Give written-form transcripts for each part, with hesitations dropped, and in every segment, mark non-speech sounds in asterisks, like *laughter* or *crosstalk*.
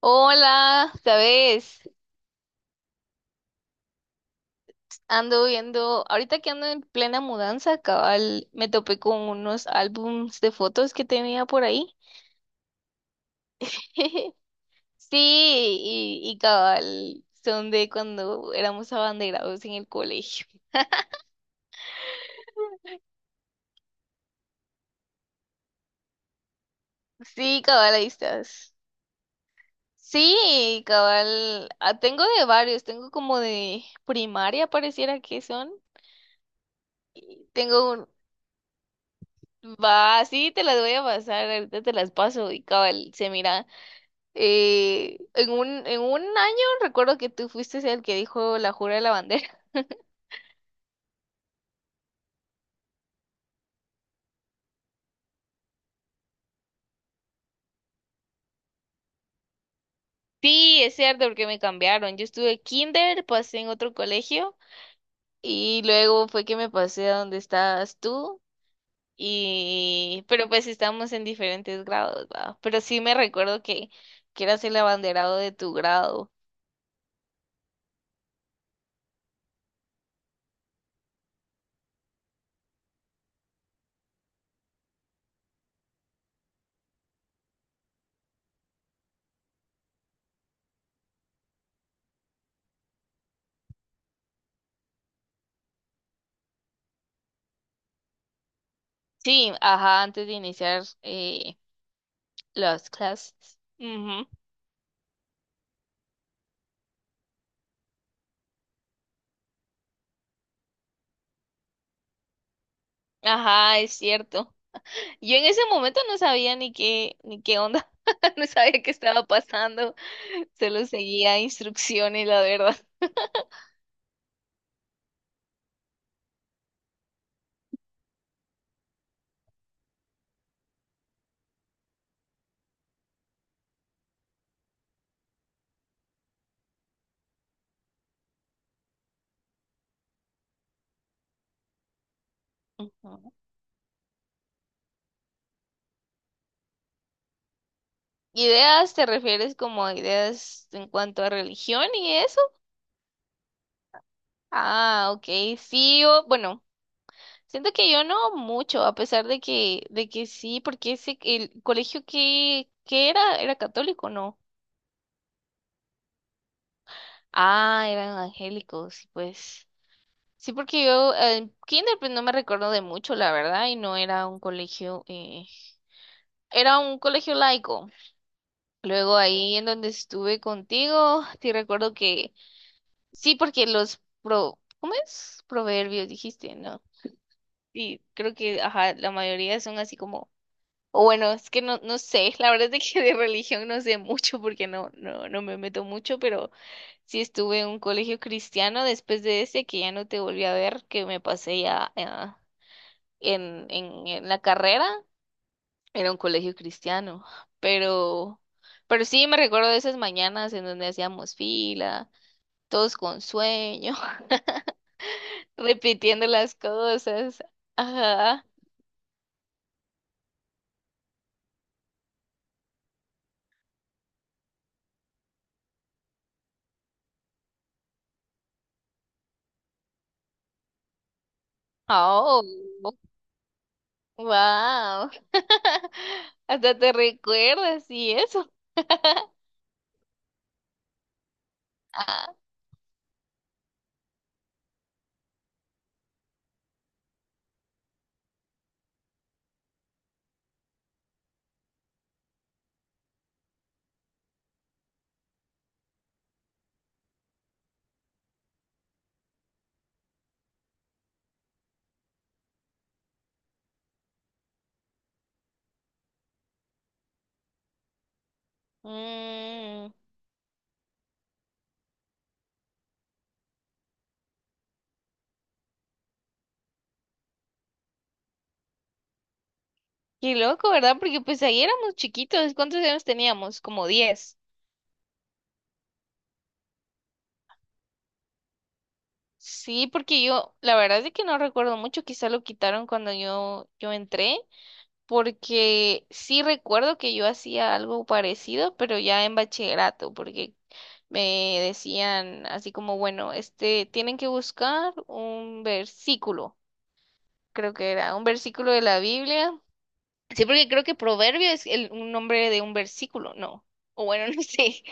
Hola, ¿sabes? Ando viendo, ahorita que ando en plena mudanza, cabal, me topé con unos álbums de fotos que tenía por ahí. *laughs* Sí, y cabal, son de cuando éramos abanderados en el colegio. Sí, cabal, ahí estás. Sí, cabal, ah, tengo de varios, tengo como de primaria, pareciera que son. Tengo un, va, sí, te las voy a pasar, ahorita te las paso y cabal, se mira. En un año recuerdo que tú fuiste el que dijo la jura de la bandera. *laughs* Sí, es cierto, porque me cambiaron. Yo estuve kinder, pasé en otro colegio y luego fue que me pasé a donde estabas tú. Y pero pues estamos en diferentes grados, ¿va? Pero sí me recuerdo que eras el abanderado de tu grado. Sí, ajá, antes de iniciar las clases. Ujú. Ajá, es cierto. Yo en ese momento no sabía ni qué, ni qué onda, *laughs* no sabía qué estaba pasando, solo seguía instrucciones, la verdad. Ujú. ¿Ideas te refieres como a ideas en cuanto a religión y eso? Ah, ok, sí, yo, bueno, siento que yo no mucho, a pesar de que, sí, porque ese, el colegio que era, era católico, ¿no? Ah, eran evangélicos, y pues. Sí, porque yo en kinder pues no me recuerdo de mucho, la verdad, y no era un colegio, era un colegio laico. Luego ahí en donde estuve contigo, te recuerdo que sí, porque ¿cómo es? Proverbios dijiste, ¿no? Y creo que, ajá, la mayoría son así como, o bueno, es que no, no sé, la verdad es de que de religión no sé mucho porque no, no, no me meto mucho, pero sí estuve en un colegio cristiano después de ese que ya no te volví a ver, que me pasé ya. En la carrera era un colegio cristiano, pero, pero, sí me recuerdo de esas mañanas en donde hacíamos fila, todos con sueño, *laughs* repitiendo las cosas. Ajá. Oh, wow. *laughs* Hasta te recuerdas y eso. *laughs* Ah, mm, qué loco, ¿verdad? Porque pues ahí éramos chiquitos. ¿Cuántos años teníamos? Como 10. Sí, porque yo, la verdad es que no recuerdo mucho, quizá lo quitaron cuando yo entré, porque sí recuerdo que yo hacía algo parecido, pero ya en bachillerato, porque me decían así como, bueno, este, tienen que buscar un versículo, creo que era un versículo de la Biblia. Sí, porque creo que proverbio es el, un nombre de un versículo, ¿no? O bueno, *laughs* no sé.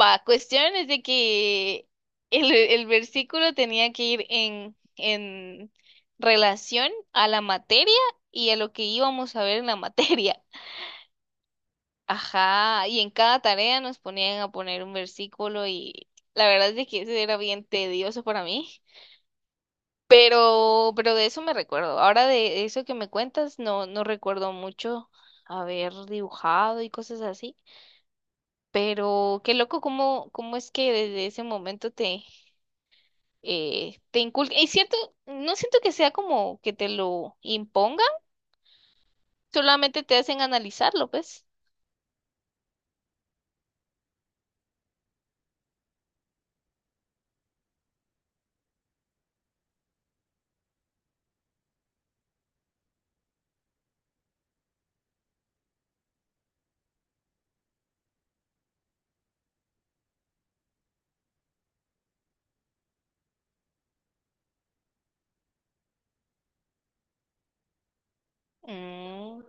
Va, cuestión es de que el versículo tenía que ir en relación a la materia y a lo que íbamos a ver en la *laughs* materia. Ajá, y en cada tarea nos ponían a poner un versículo y la verdad es de que eso era bien tedioso para mí. Pero de eso me recuerdo. Ahora de eso que me cuentas, no, no recuerdo mucho haber dibujado y cosas así. Pero qué loco cómo, cómo es que desde ese momento te inculca. Y cierto, no siento que sea como que te lo impongan, solamente te hacen analizarlo, pues. Mm,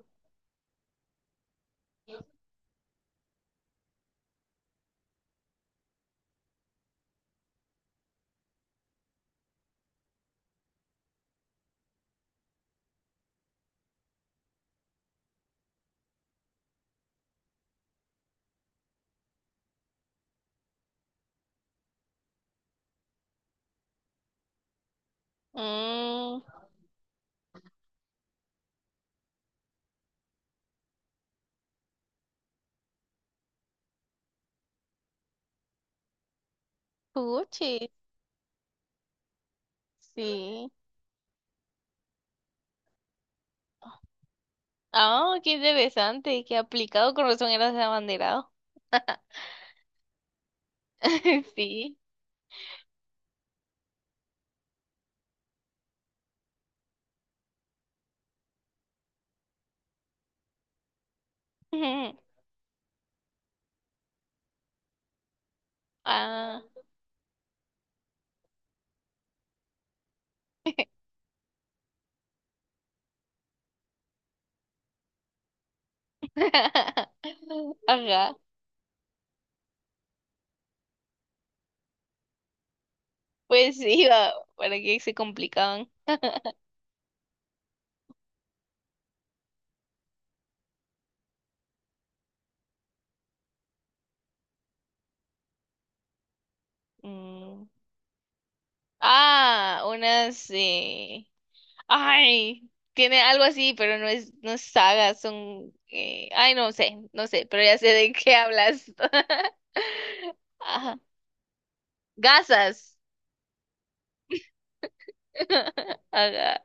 mm, puchi, sí. Ah, qué interesante, qué aplicado, con razón eras abanderado. *laughs* Sí. *laughs* Ah, *laughs* ajá. Pues iba para que se complicaban. Mm. Ah, unas. Ay, tiene algo así, pero no es, no es saga, son. Ay, no sé, no sé, pero ya sé de qué hablas. *laughs* Ajá. Gasas. *laughs* Ajá.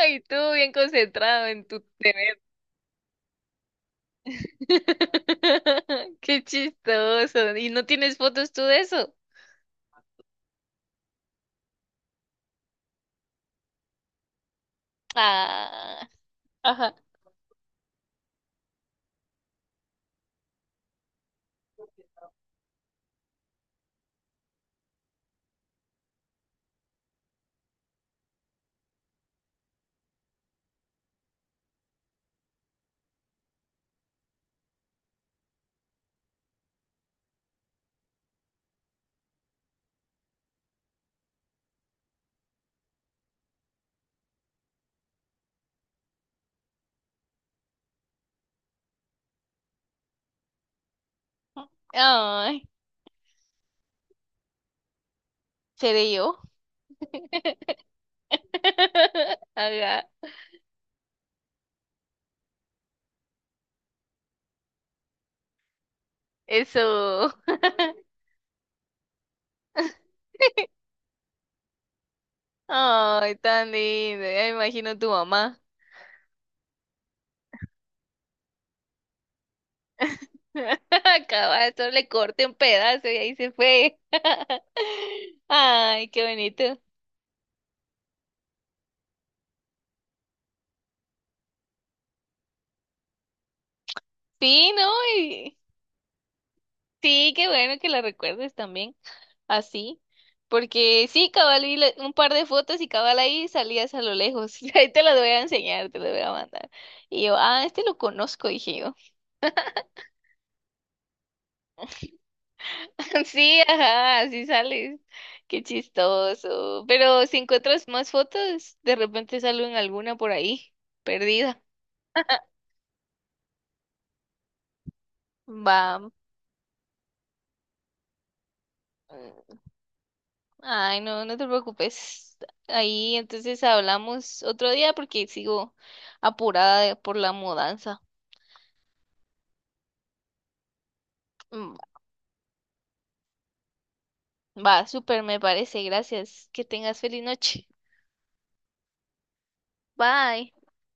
Ay, tú bien concentrado en tu tener. *laughs* Qué chistoso. ¿Y no tienes fotos tú de eso? Ah, ajá. Ay, seré yo. *laughs* Ajá, eso. *laughs* Ay, tan lindo. Ya me imagino tu mamá. *laughs* Cabal, solo le corté un pedazo y ahí se fue. *laughs* Ay, qué bonito. Sí, ¿no? Y- Sí, qué bueno que la recuerdes también. Así. Porque sí, cabal, vi un par de fotos y cabal ahí salías a lo lejos. *laughs* Ahí te las voy a enseñar, te las voy a mandar. Y yo, ah, este lo conozco, dije yo. *laughs* Sí, ajá, así sales. Qué chistoso. Pero si encuentras más fotos, de repente salen alguna por ahí, perdida. Va. mm, Ay, no, no te preocupes. Ahí entonces hablamos otro día porque sigo apurada por la mudanza. Va, súper, me parece. Gracias. Que tengas feliz noche. Bye.